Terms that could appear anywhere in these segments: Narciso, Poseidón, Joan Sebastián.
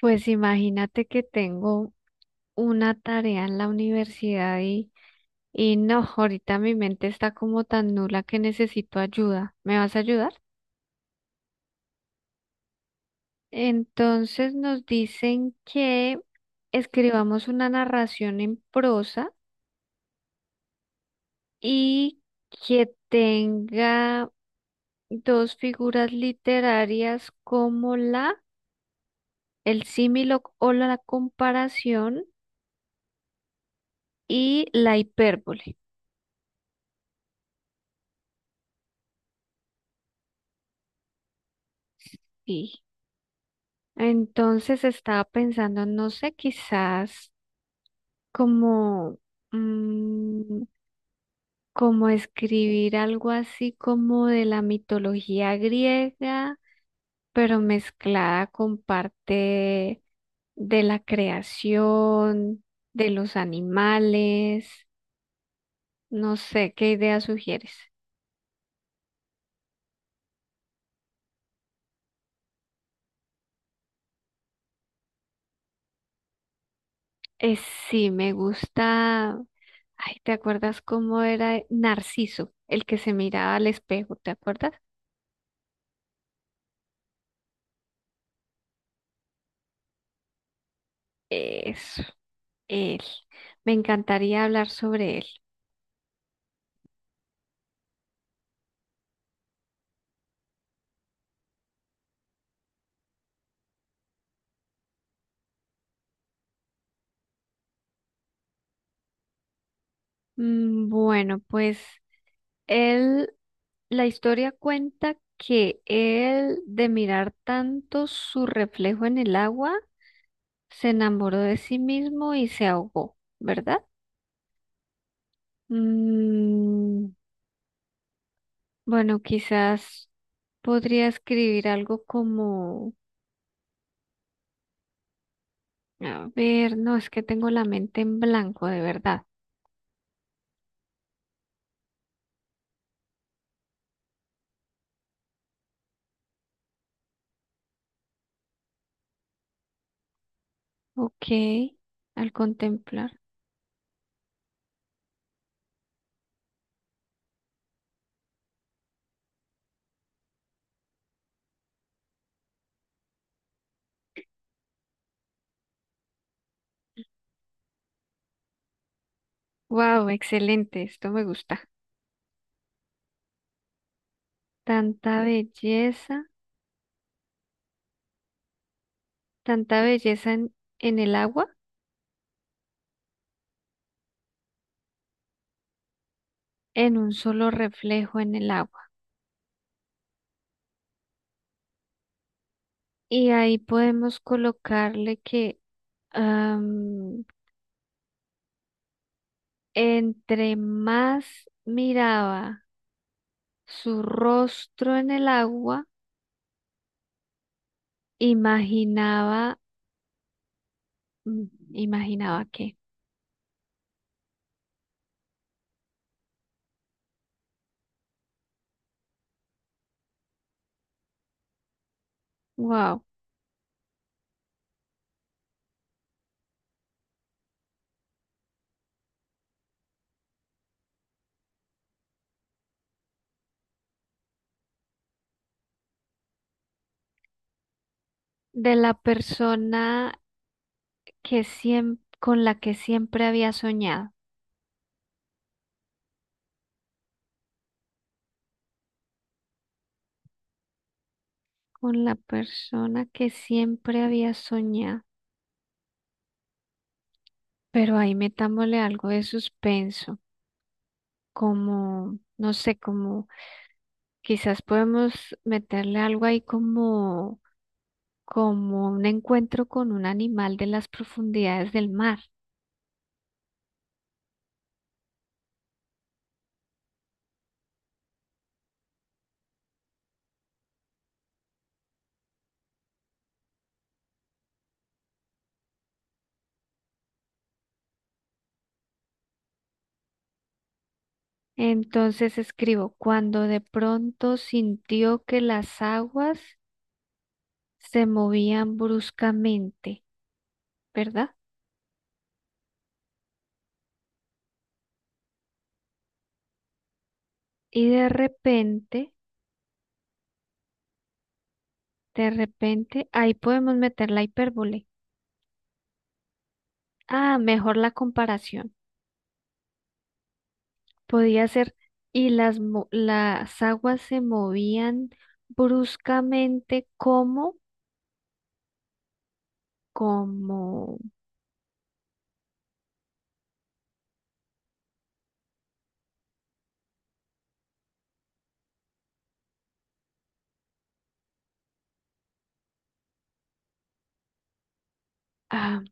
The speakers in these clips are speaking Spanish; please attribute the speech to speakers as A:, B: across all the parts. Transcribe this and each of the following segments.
A: Pues imagínate que tengo una tarea en la universidad y no, ahorita mi mente está como tan nula que necesito ayuda. ¿Me vas a ayudar? Entonces nos dicen que escribamos una narración en prosa y que tenga dos figuras literarias como la, el símil o la comparación y la hipérbole. Entonces estaba pensando, no sé, quizás como, mm, como escribir algo así como de la mitología griega, pero mezclada con parte de la creación, de los animales, no sé, ¿qué idea sugieres? Eh, sí, me gusta. Ay, ¿te acuerdas cómo era Narciso, el que se miraba al espejo? ¿Te acuerdas? Eso. Él. Me encantaría hablar sobre él. Bueno, pues él, la historia cuenta que él, de mirar tanto su reflejo en el agua, se enamoró de sí mismo y se ahogó, ¿verdad? Mm, bueno, quizás podría escribir algo como, a ver, no, es que tengo la mente en blanco, de verdad. Ok, al contemplar. Wow, excelente, esto me gusta. Tanta belleza, tanta belleza en el agua, en un solo reflejo en el agua. Y ahí podemos colocarle que am, entre más miraba su rostro en el agua, imaginaba, mm, imaginaba que, wow, de la persona que siempre, con la que siempre había soñado, con la persona que siempre había soñado. Pero ahí metámosle algo de suspenso, como, no sé, como quizás podemos meterle algo ahí como, como un encuentro con un animal de las profundidades del mar. Entonces escribo, cuando de pronto sintió que las aguas se movían bruscamente, ¿verdad? Y de repente, ahí podemos meter la hipérbole. Ah, mejor la comparación. Podía ser, y las, las aguas se movían bruscamente como, como ah,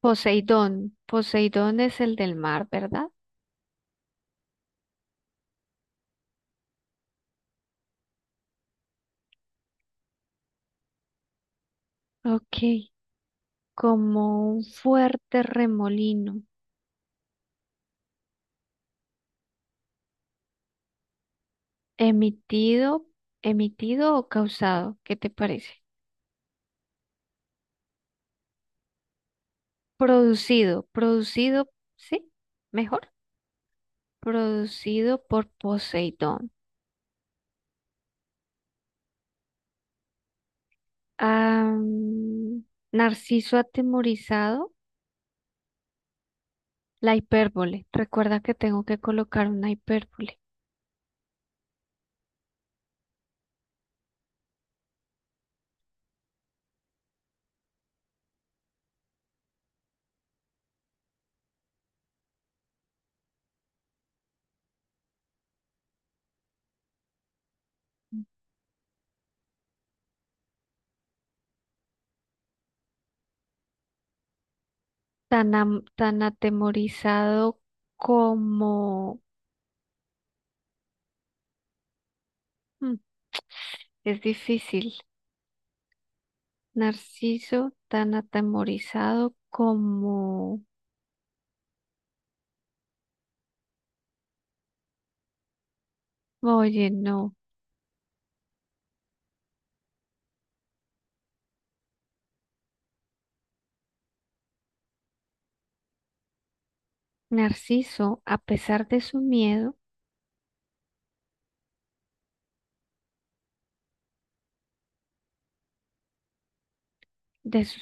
A: Poseidón. Poseidón es el del mar, ¿verdad? Ok, como un fuerte remolino emitido, emitido o causado, ¿qué te parece? Producido, producido, ¿sí? Mejor, producido por Poseidón. Ah, Narciso atemorizado. La hipérbole. Recuerda que tengo que colocar una hipérbole. Tan, tan atemorizado como... Mm, es difícil. Narciso, tan atemorizado como... Oye, no. Narciso, a pesar de su miedo, de su-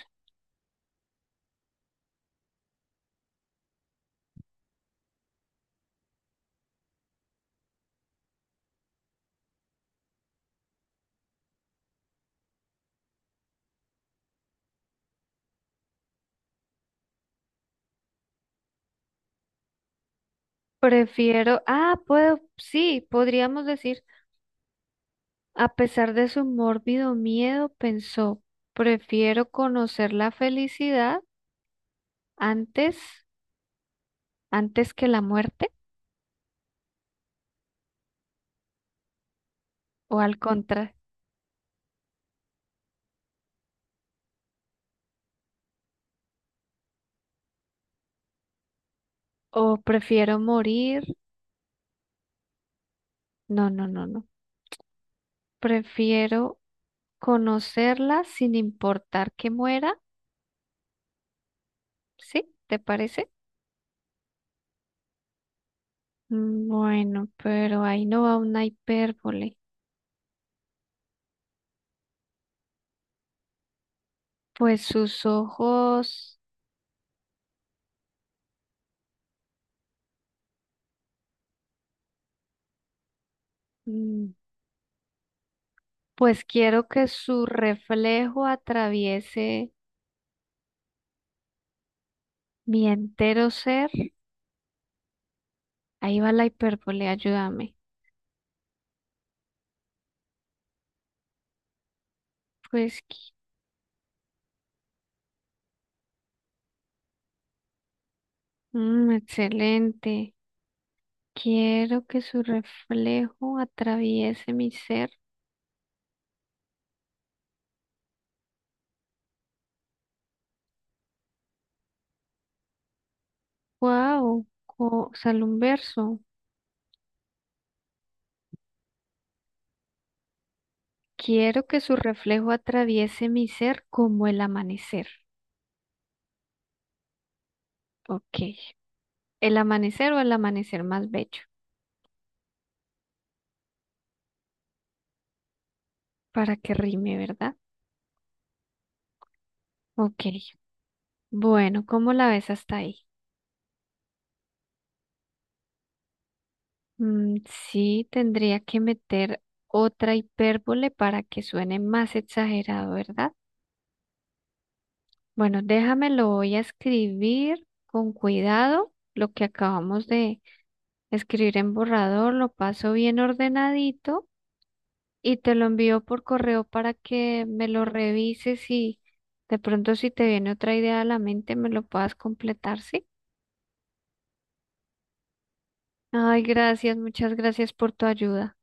A: prefiero... Ah, puedo... Sí, podríamos decir, a pesar de su mórbido miedo, pensó, prefiero conocer la felicidad antes, antes que la muerte. O al contra, o prefiero morir. No, no, no, no. Prefiero conocerla sin importar que muera. ¿Sí? ¿Te parece? Bueno, pero ahí no va una hipérbole. Pues sus ojos, mm, pues quiero que su reflejo atraviese mi entero ser. Ahí va la hipérbole, ayúdame. Pues, qui- excelente. Quiero que su reflejo atraviese mi ser. Wow, sale un verso. Quiero que su reflejo atraviese mi ser como el amanecer. Ok. El amanecer o el amanecer más bello. Para que rime, ¿verdad? Ok. Bueno, ¿cómo la ves hasta ahí? Mm, sí, tendría que meter otra hipérbole para que suene más exagerado, ¿verdad? Bueno, déjame, lo voy a escribir con cuidado. Lo que acabamos de escribir en borrador, lo paso bien ordenadito y te lo envío por correo para que me lo revises y de pronto si te viene otra idea a la mente me lo puedas completar, ¿sí? Ay, gracias, muchas gracias por tu ayuda.